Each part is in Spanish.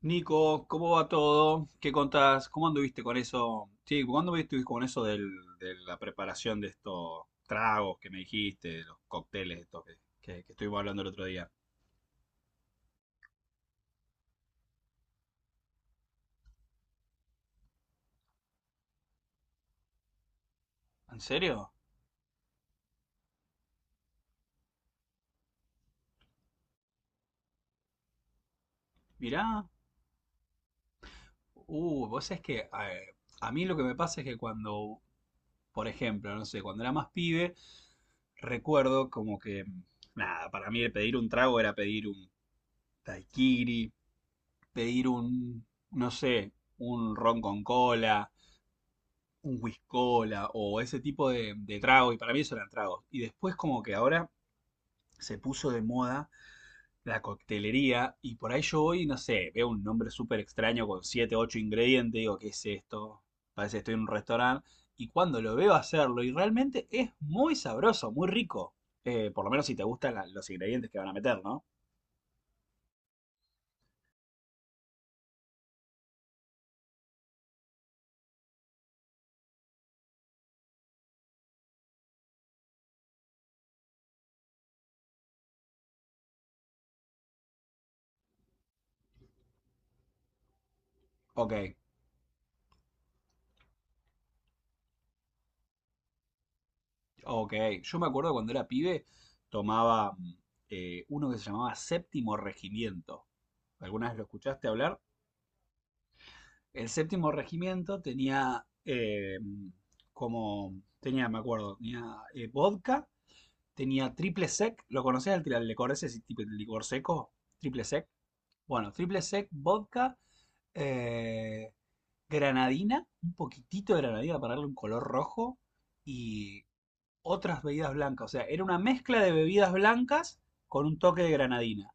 Nico, ¿cómo va todo? ¿Qué contás? ¿Cómo anduviste con eso? Sí, ¿cuándo estuviste con eso del- de la preparación de estos tragos que me dijiste, de los cócteles estos que estuvimos hablando el otro día? ¿En serio? Mirá, vos sabés que a mí lo que me pasa es que cuando, por ejemplo, no sé, cuando era más pibe, recuerdo como que, nada, para mí el pedir un trago era pedir un daiquiri, pedir un, no sé, un ron con cola, un whisky cola o ese tipo de trago, y para mí eso eran tragos. Y después como que ahora se puso de moda la coctelería, y por ahí yo hoy, no sé, veo un nombre súper extraño con 7 8 ingredientes, digo, ¿qué es esto? Parece que estoy en un restaurante, y cuando lo veo hacerlo, y realmente es muy sabroso, muy rico. Por lo menos si te gustan los ingredientes que van a meter, ¿no? Ok, ok. Yo me acuerdo cuando era pibe, tomaba uno que se llamaba Séptimo Regimiento. ¿Alguna vez lo escuchaste hablar? El séptimo regimiento tenía como. Tenía, me acuerdo, tenía vodka, tenía triple sec. ¿Lo conocías el licor ese? ¿Ese tipo de licor seco? Triple sec. Bueno, triple sec, vodka, eh, granadina, un poquitito de granadina para darle un color rojo y otras bebidas blancas. O sea, era una mezcla de bebidas blancas con un toque de granadina.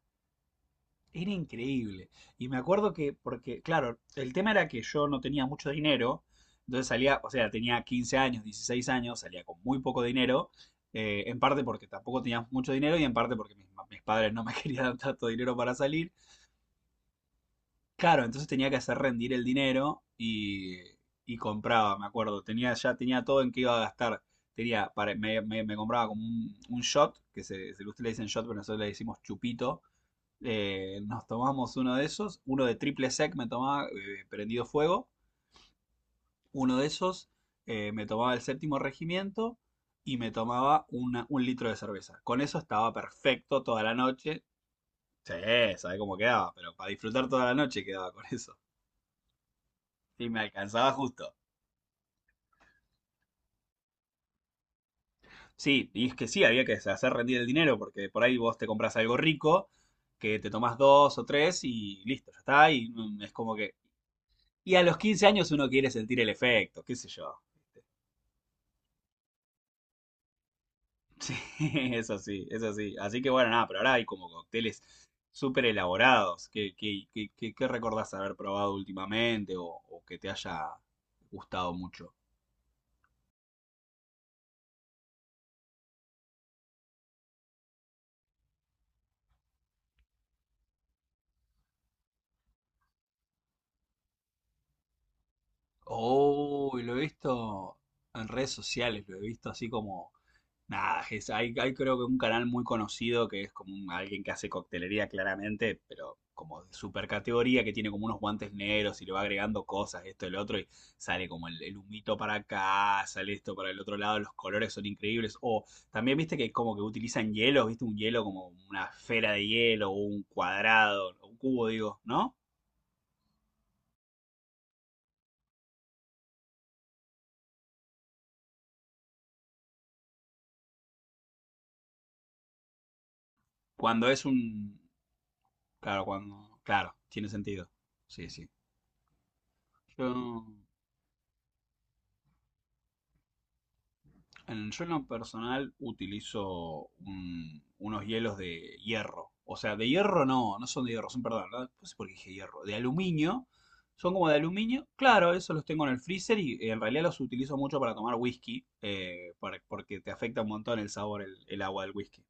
Era increíble. Y me acuerdo que, porque, claro, el tema era que yo no tenía mucho dinero, entonces salía, o sea, tenía 15 años, 16 años, salía con muy poco dinero, en parte porque tampoco tenía mucho dinero y en parte porque mis padres no me querían dar tanto dinero para salir. Claro, entonces tenía que hacer rendir el dinero y compraba, me acuerdo, tenía, ya tenía todo en qué iba a gastar. Tenía, me compraba como un shot, ustedes le dicen shot, pero nosotros le decimos chupito, nos tomamos uno de esos, uno de triple sec me tomaba prendido fuego, uno de esos, me tomaba el séptimo regimiento y me tomaba un litro de cerveza. Con eso estaba perfecto toda la noche. Sí, sabe cómo quedaba, pero para disfrutar toda la noche quedaba con eso. Y me alcanzaba justo. Sí, y es que sí, había que hacer rendir el dinero, porque por ahí vos te compras algo rico, que te tomás dos o tres y listo, ya está. Y es como que. Y a los 15 años uno quiere sentir el efecto, qué sé yo. Sí, es así, es así. Así que bueno, nada, pero ahora hay como cócteles súper elaborados. ¿Qué recordás haber probado últimamente o que te haya gustado mucho? Oh, lo he visto en redes sociales, lo he visto así como. Nada, hay creo que un canal muy conocido que es como alguien que hace coctelería claramente, pero como de super categoría, que tiene como unos guantes negros y le va agregando cosas, esto, el otro, y sale como el humito para acá, sale esto para el otro lado, los colores son increíbles. O también viste que como que utilizan hielos, viste un hielo como una esfera de hielo, o un cuadrado, o un cubo, digo, ¿no? Cuando es un... Claro, cuando... Claro, tiene sentido. Sí, sí. Yo no-. En, yo en lo personal utilizo unos hielos de hierro. O sea, de hierro no, no son de hierro, son, perdón, no, no sé por qué dije hierro, de aluminio. Son como de aluminio. Claro, esos los tengo en el freezer y en realidad los utilizo mucho para tomar whisky, porque te afecta un montón el sabor, el agua del whisky.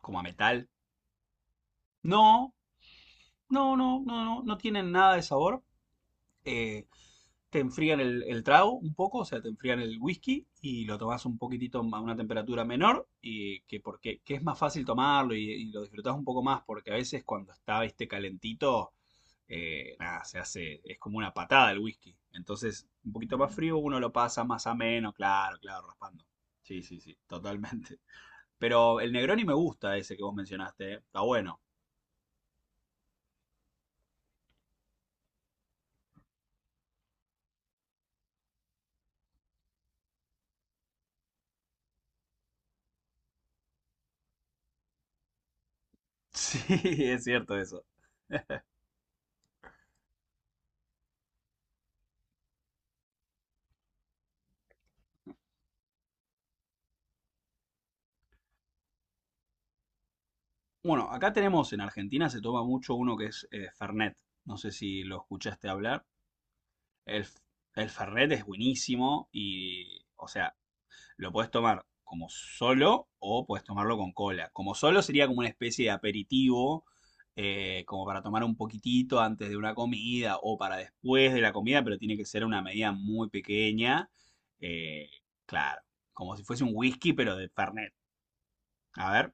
Como a metal. No, no, tienen nada de sabor. eh, Te enfrían el trago un poco, o sea, te enfrían el whisky y lo tomas un poquitito a una temperatura menor y que porque que es más fácil tomarlo y lo disfrutás un poco más porque a veces cuando está este calentito, nada, se hace, es como una patada el whisky. Entonces, un poquito más frío uno lo pasa más ameno, claro, claro, raspando. Sí, sí, sí, totalmente. Pero el Negroni me gusta ese que vos mencionaste, ¿eh? Está bueno. Sí, es cierto eso. Bueno, acá tenemos en Argentina se toma mucho uno que es Fernet. No sé si lo escuchaste hablar. El, f- el Fernet es buenísimo y, o sea, lo puedes tomar como solo o puedes tomarlo con cola. Como solo sería como una especie de aperitivo, como para tomar un poquitito antes de una comida o para después de la comida, pero tiene que ser una medida muy pequeña. Eh, claro, como si fuese un whisky, pero de Fernet. A ver.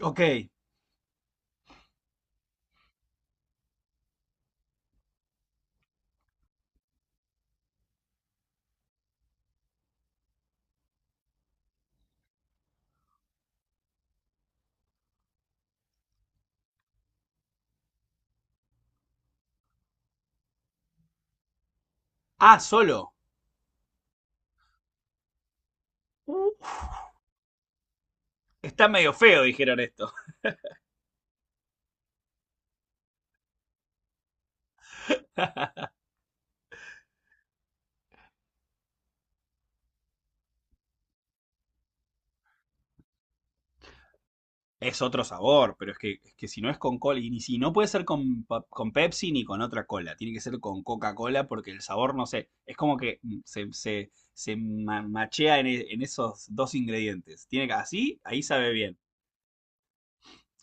Ok. Ah, solo. Está medio feo, dijeron esto. Es otro sabor, pero es que si no es con cola, y ni si no puede ser con Pepsi ni con otra cola, tiene que ser con Coca-Cola porque el sabor, no sé, es como que machea en esos dos ingredientes. Tiene que, así, ahí sabe bien.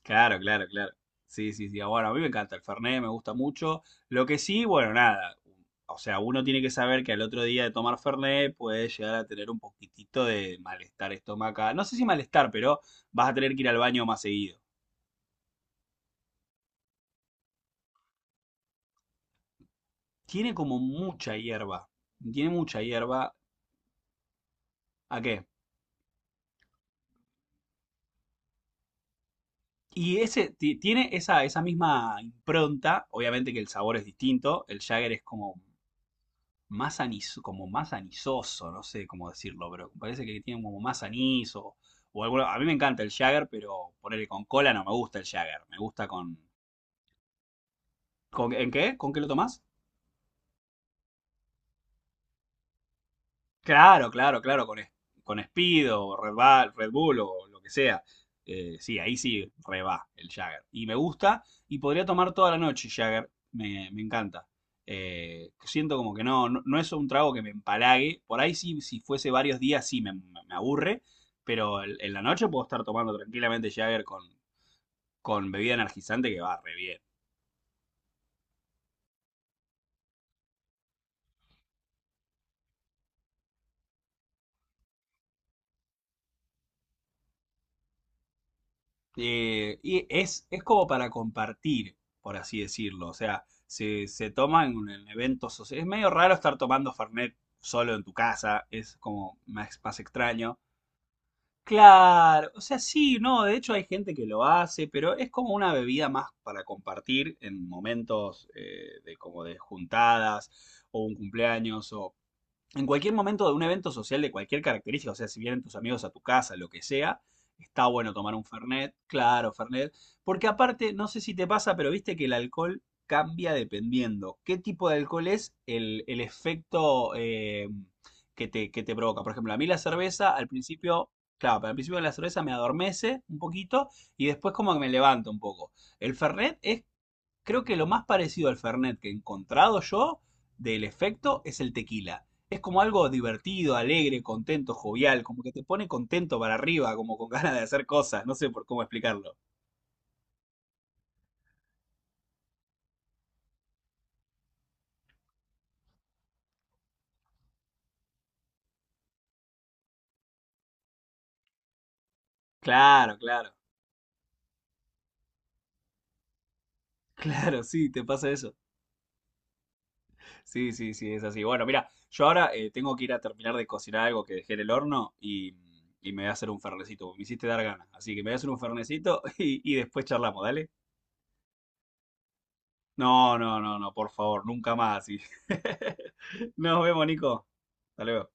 Claro, claro, claro. Sí, sí, sí. Ah, bueno, a mí me encanta el Fernet, me gusta mucho. Lo que sí, bueno, nada. O sea, uno tiene que saber que al otro día de tomar Fernet puede llegar a tener un poquitito de malestar estomacal. No sé si malestar, pero vas a tener que ir al baño más seguido. Tiene como mucha hierba. Tiene mucha hierba. ¿A qué? Y ese tiene esa, esa misma impronta. Obviamente que el sabor es distinto. El Jagger es como más anis, como más anisoso, no sé cómo decirlo, pero parece que tiene como más anís o, a mí me encanta el Jagger, pero ponerle con cola no me gusta el Jagger, me gusta con... ¿Con, ¿en qué? ¿Con qué lo tomás? Claro, claro, claro, con Speed o Red, Red Bull o lo que sea. Sí, ahí sí reba el Jagger. Y me gusta y podría tomar toda la noche Jagger. Me encanta. Siento como que no es un trago que me empalague. Por ahí sí, si fuese varios días sí me aburre, pero en la noche puedo estar tomando tranquilamente Jagger con bebida energizante que va re bien. Y es como para compartir, por así decirlo. O sea, se toma en un en eventos es medio raro estar tomando Fernet solo en tu casa, es como más, más extraño. Claro, o sea, sí, no, de hecho hay gente que lo hace, pero es como una bebida más para compartir en momentos de como de juntadas o un cumpleaños o en cualquier momento de un evento social de cualquier característica, o sea, si vienen tus amigos a tu casa, lo que sea, está bueno tomar un Fernet, claro, Fernet, porque aparte, no sé si te pasa, pero viste que el alcohol cambia dependiendo qué tipo de alcohol es el efecto que te provoca. Por ejemplo, a mí la cerveza al principio, claro, al principio la cerveza me adormece un poquito y después como que me levanta un poco. El Fernet es. Creo que lo más parecido al Fernet que he encontrado yo del efecto es el tequila. Es como algo divertido, alegre, contento, jovial, como que te pone contento para arriba, como con ganas de hacer cosas, no sé por cómo explicarlo. Claro, claro, claro, sí, te pasa eso. Sí, sí, sí, es así. Bueno, mira, yo ahora tengo que ir a terminar de cocinar algo que dejé en el horno y me voy a hacer un fernecito. Me hiciste dar ganas, así que me voy a hacer un fernecito y después charlamos, ¿dale? No, no, no, no, por favor, nunca más. Y-. Nos vemos, Nico. Hasta luego.